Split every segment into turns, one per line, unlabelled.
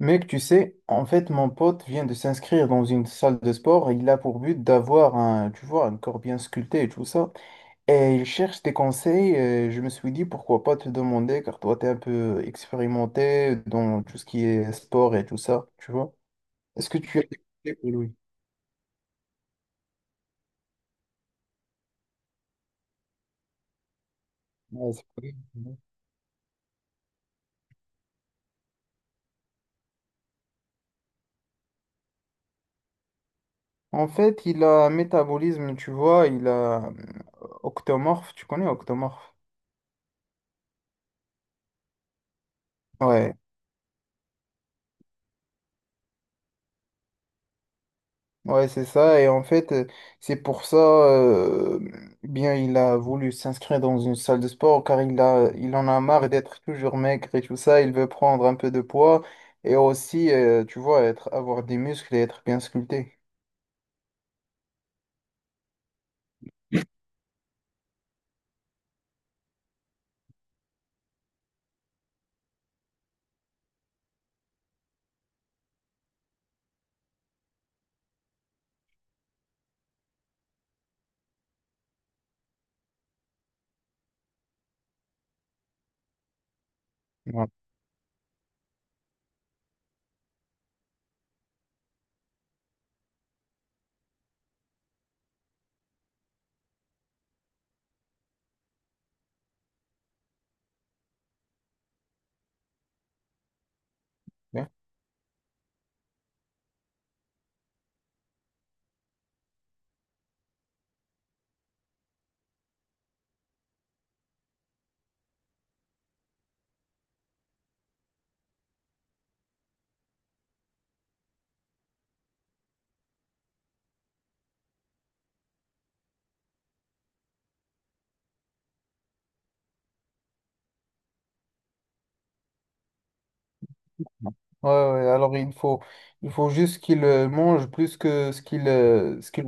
Mec, tu sais, en fait, mon pote vient de s'inscrire dans une salle de sport et il a pour but d'avoir un, tu vois, un corps bien sculpté et tout ça. Et il cherche des conseils. Et je me suis dit, pourquoi pas te demander, car toi, t'es un peu expérimenté dans tout ce qui est sport et tout ça, tu vois. Est-ce que tu as des conseils pour lui? Ouais, c'est pas grave. En fait, il a un métabolisme, tu vois, il a octomorphe, tu connais octomorphe? Ouais. Ouais, c'est ça. Et en fait, c'est pour ça, bien, il a voulu s'inscrire dans une salle de sport car il a, il en a marre d'être toujours maigre et tout ça. Il veut prendre un peu de poids et aussi, tu vois, être, avoir des muscles et être bien sculpté. Ouais. Ouais, ouais, ouais, alors il faut juste qu'il mange plus que ce qu'il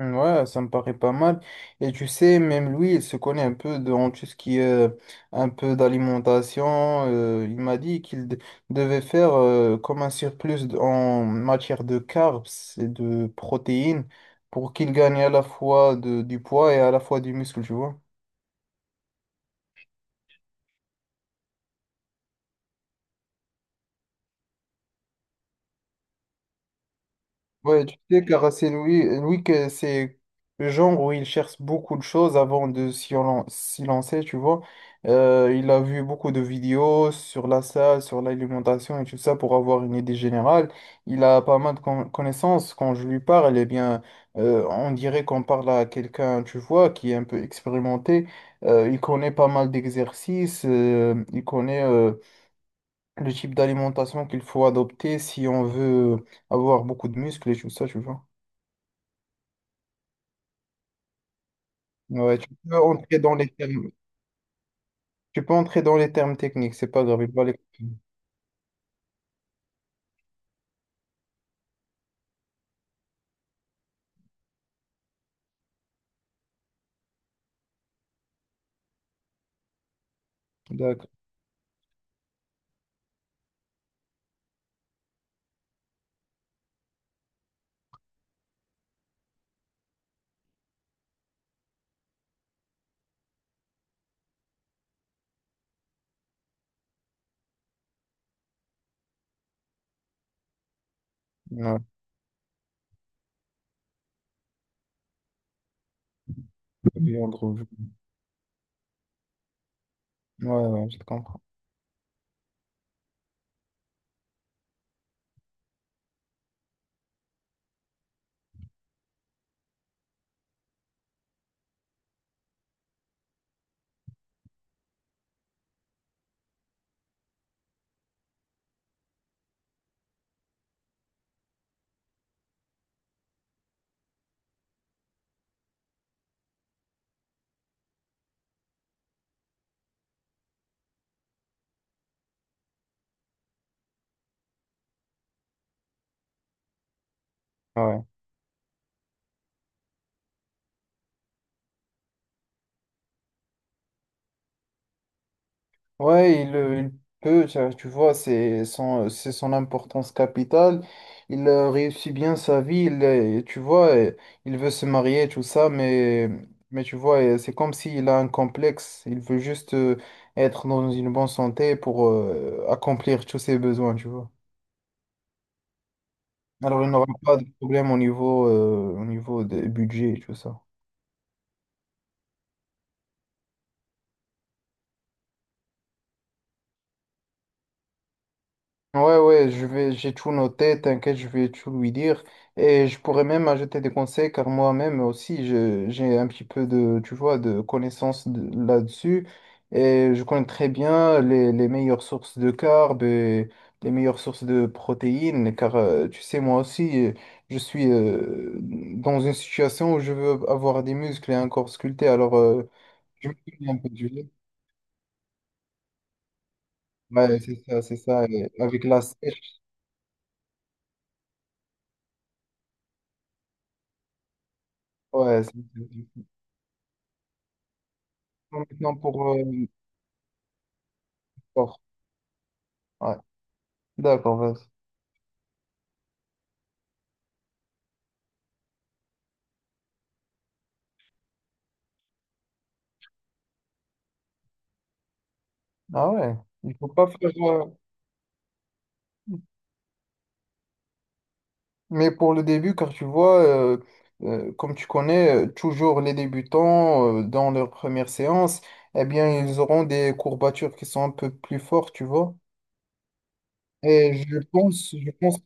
ouais, ça me paraît pas mal. Et tu sais, même lui, il se connaît un peu dans tout ce qui est un peu d'alimentation. Il m'a dit qu'il de- devait faire comme un surplus en matière de carbs et de protéines pour qu'il gagne à la fois de, du poids et à la fois du muscle, tu vois. Ouais, tu sais, Caracé Louis, Louis, que c'est le genre où il cherche beaucoup de choses avant de s'y lancer, tu vois. Il a vu beaucoup de vidéos sur la salle, sur l'alimentation et tout ça pour avoir une idée générale. Il a pas mal de connaissances. Quand je lui parle, eh bien, on dirait qu'on parle à quelqu'un, tu vois, qui est un peu expérimenté. Il connaît pas mal d'exercices. Il connaît le type d'alimentation qu'il faut adopter si on veut avoir beaucoup de muscles et tout ça, tu vois. Ouais, tu peux entrer dans les termes, tu peux entrer dans les termes techniques, c'est pas grave, il va les comprendre. D'accord. Ouais, oui, en ouais, ouais, je te comprends. Ouais, il peut, ça, tu vois, c'est son importance capitale. Il réussit bien sa vie, il, tu vois, il veut se marier, tout ça, mais tu vois, c'est comme s'il a un complexe. Il veut juste être dans une bonne santé pour accomplir tous ses besoins, tu vois. Alors, il n'y aura pas de problème au niveau des budgets et tout ça. Ouais, ouais, je vais, j'ai tout noté, t'inquiète, je vais tout lui dire. Et je pourrais même ajouter des conseils, car moi-même aussi, j'ai un petit peu de, tu vois, de connaissances là-dessus. Et je connais très bien les meilleures sources de carbs et les meilleures sources de protéines, car tu sais, moi aussi, je suis dans une situation où je veux avoir des muscles et un corps sculpté. Alors, je me connais un peu. Ouais, c'est ça, c'est ça, et avec la sèche, ouais. Bon, maintenant pour le sport. Ouais. D'accord, vas-y. Ah ouais. Il faut pas faire. Mais pour le début, car tu vois, comme tu connais, toujours les débutants, dans leur première séance, eh bien, ils auront des courbatures qui sont un peu plus fortes, tu vois. Et je pense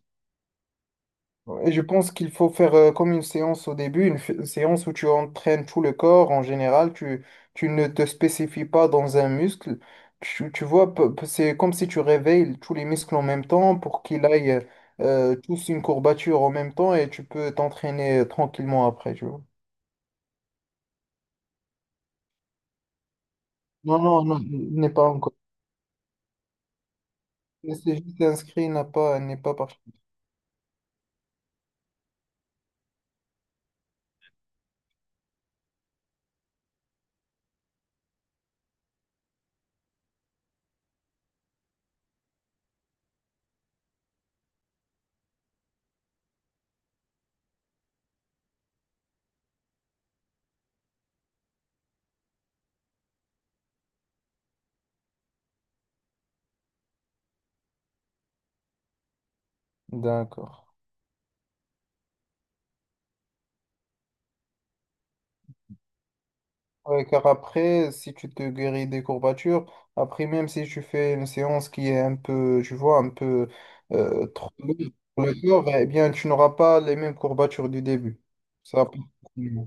et je pense qu'il faut faire comme une séance au début, une, une séance où tu entraînes tout le corps en général, tu ne te spécifies pas dans un muscle. Tu vois, c'est comme si tu réveilles tous les muscles en même temps pour qu'ils aillent tous une courbature en même temps et tu peux t'entraîner tranquillement après, tu vois. Non, non, non, il n'est pas encore. Il s'est juste inscrit, il n'a pas, il n'est pas parti. D'accord. Ouais, car après, si tu te guéris des courbatures, après, même si tu fais une séance qui est un peu, tu vois, un peu trop longue pour le corps, eh bien, tu n'auras pas les mêmes courbatures du début. Ça, ouais.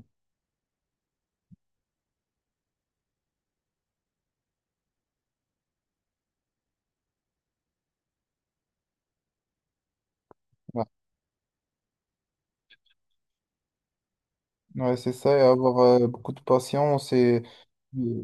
Ouais, c'est ça, et avoir beaucoup de patience et euh,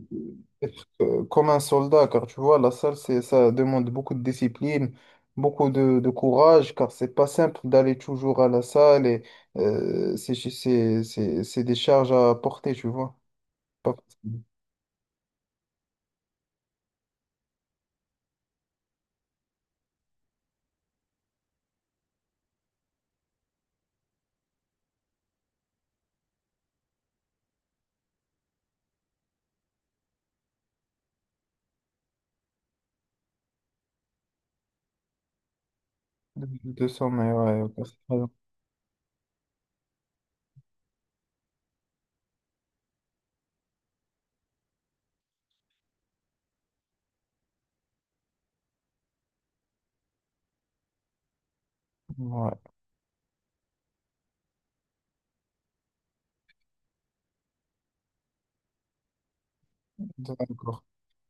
être comme un soldat, car tu vois, la salle, c'est, ça demande beaucoup de discipline, beaucoup de courage, car c'est pas simple d'aller toujours à la salle et c'est des charges à porter, tu vois. Pas facile. 200 mais ouais. OK, c'est très bien. Ouais, d'accord.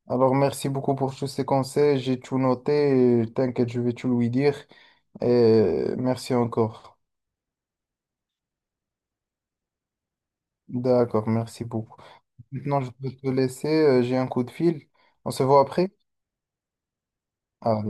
Alors, merci beaucoup pour tous ces conseils, j'ai tout noté, et t'inquiète, je vais tout lui dire. Et merci encore. D'accord, merci beaucoup. Maintenant, je peux te laisser, j'ai un coup de fil. On se voit après. Ah,